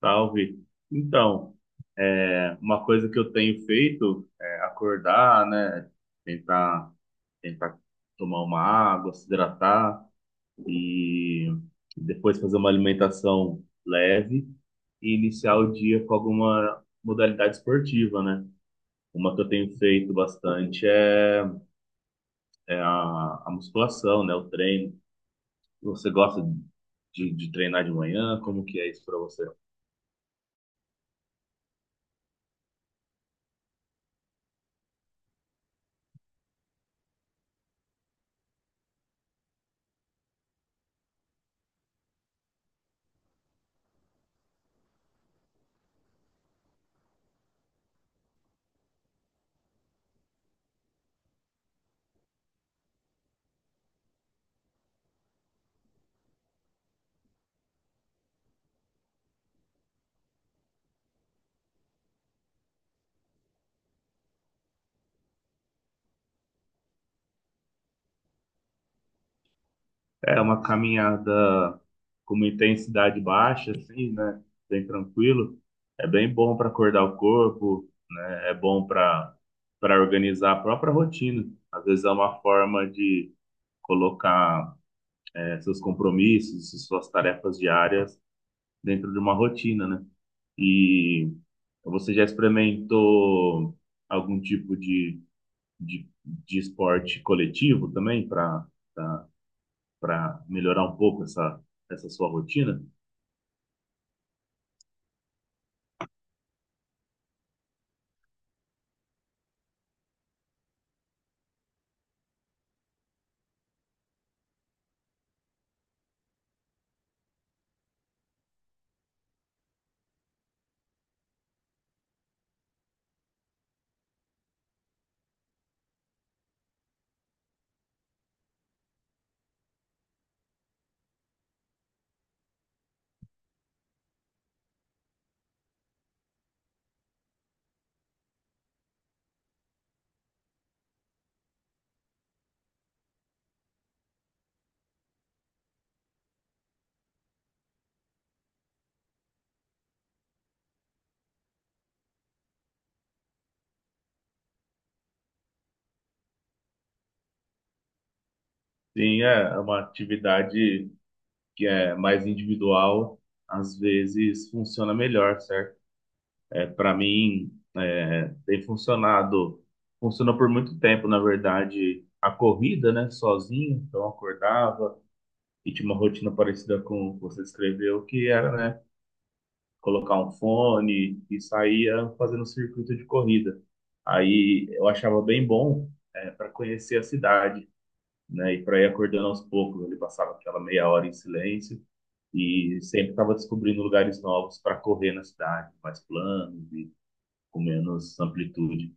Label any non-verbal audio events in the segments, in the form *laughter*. Salve. Então, uma coisa que eu tenho feito é acordar, né? Tentar, tentar tomar uma água, se hidratar e depois fazer uma alimentação leve e iniciar o dia com alguma modalidade esportiva, né? Uma que eu tenho feito bastante é, é a musculação, né? O treino. Você gosta de treinar de manhã? Como que é isso para você? É uma caminhada com uma intensidade baixa, assim, né? Bem tranquilo. É bem bom para acordar o corpo, né? É bom para organizar a própria rotina. Às vezes é uma forma de colocar seus compromissos, suas tarefas diárias dentro de uma rotina, né? E você já experimentou algum tipo de esporte coletivo também para melhorar um pouco essa sua rotina? Sim, é uma atividade que é mais individual, às vezes funciona melhor, certo? É, para mim, tem funcionado, funcionou por muito tempo, na verdade, a corrida, né, sozinho, então eu acordava e tinha uma rotina parecida com o que você descreveu, que era, né, colocar um fone e saía fazendo um circuito de corrida. Aí eu achava bem bom, para conhecer a cidade, né, e para ir acordando aos poucos, ele passava aquela meia hora em silêncio e sempre estava descobrindo lugares novos para correr na cidade, mais planos e com menos amplitude.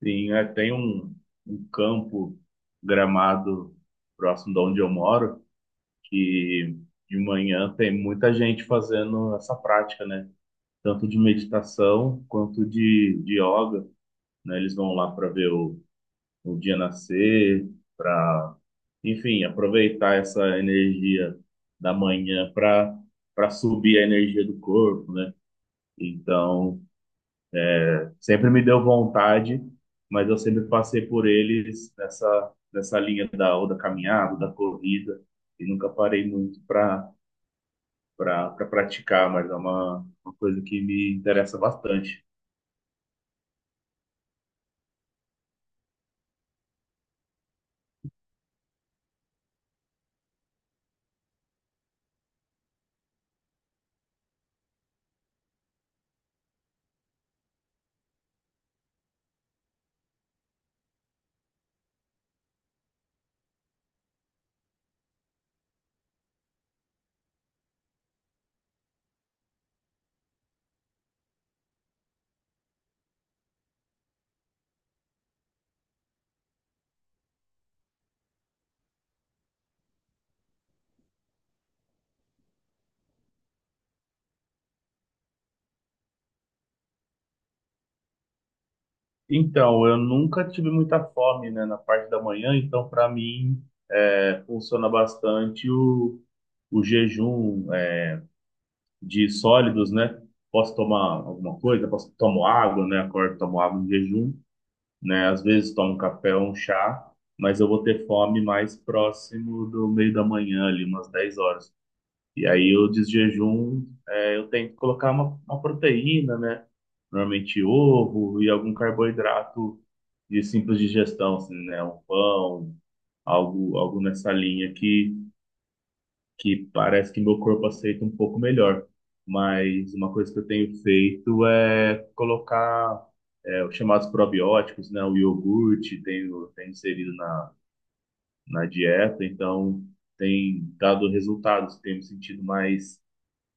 Tem um campo gramado próximo de onde eu moro que de manhã tem muita gente fazendo essa prática, né? Tanto de meditação quanto de yoga, né? Eles vão lá para ver o dia nascer, para, enfim, aproveitar essa energia da manhã para subir a energia do corpo, né? Então, sempre me deu vontade, mas eu sempre passei por eles nessa linha da ou da caminhada, ou da corrida e nunca parei muito para praticar, mas é uma coisa que me interessa bastante. Então, eu nunca tive muita fome, né, na parte da manhã, então para mim funciona bastante o jejum de sólidos, né? Posso tomar alguma coisa, posso tomo água, né? Acordo, tomo água em jejum, né? Às vezes tomo um café ou um chá, mas eu vou ter fome mais próximo do meio da manhã, ali umas 10 horas. E aí o desjejum, eu tento colocar uma proteína, né? Normalmente ovo e algum carboidrato de simples digestão, assim, né? Um pão, algo nessa linha que parece que meu corpo aceita um pouco melhor. Mas uma coisa que eu tenho feito é colocar os chamados probióticos, né? O iogurte tenho inserido na dieta, então tem dado resultados, tenho me sentido mais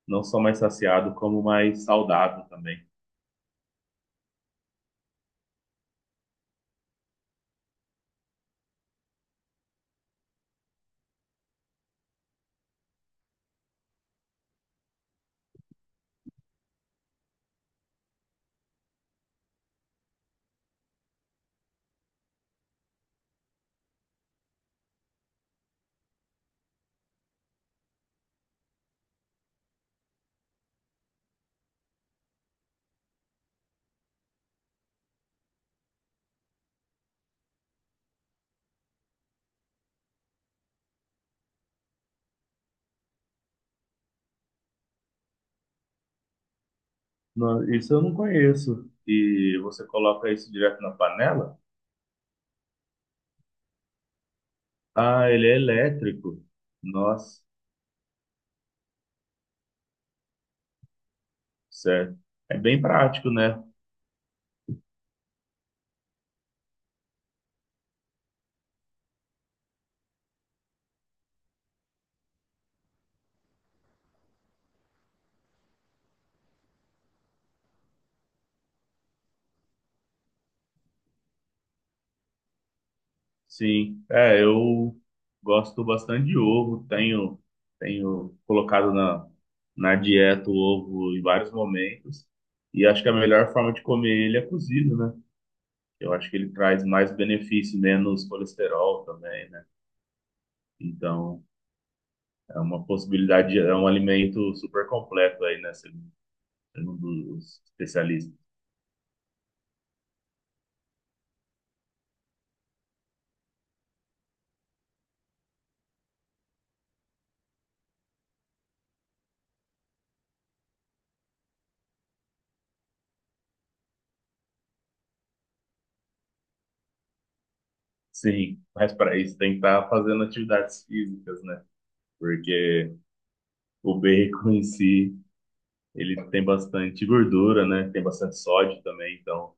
não só mais saciado, como mais saudável também. Não, isso eu não conheço. E você coloca isso direto na panela? Ah, ele é elétrico. Nossa, certo. É bem prático, né? Sim. É, eu gosto bastante de ovo. Tenho colocado na dieta o ovo em vários momentos. E acho que a melhor forma de comer ele é cozido, né? Eu acho que ele traz mais benefício, menos colesterol também, né? Então, é uma possibilidade, é um alimento super completo aí, né? Segundo os especialistas. Sim, mas para isso tem que estar fazendo atividades físicas, né? Porque o bacon em si, ele tem bastante gordura, né? Tem bastante sódio também, então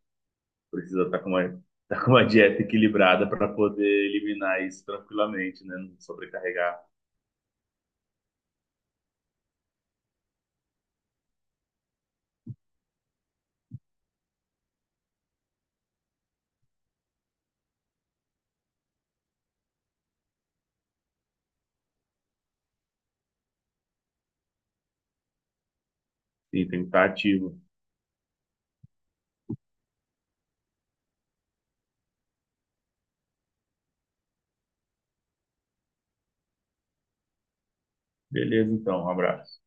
precisa estar com uma, *laughs* tá com uma dieta equilibrada para poder eliminar isso tranquilamente, né? Não sobrecarregar. Sim, tem que estar ativo. Beleza, então, um abraço.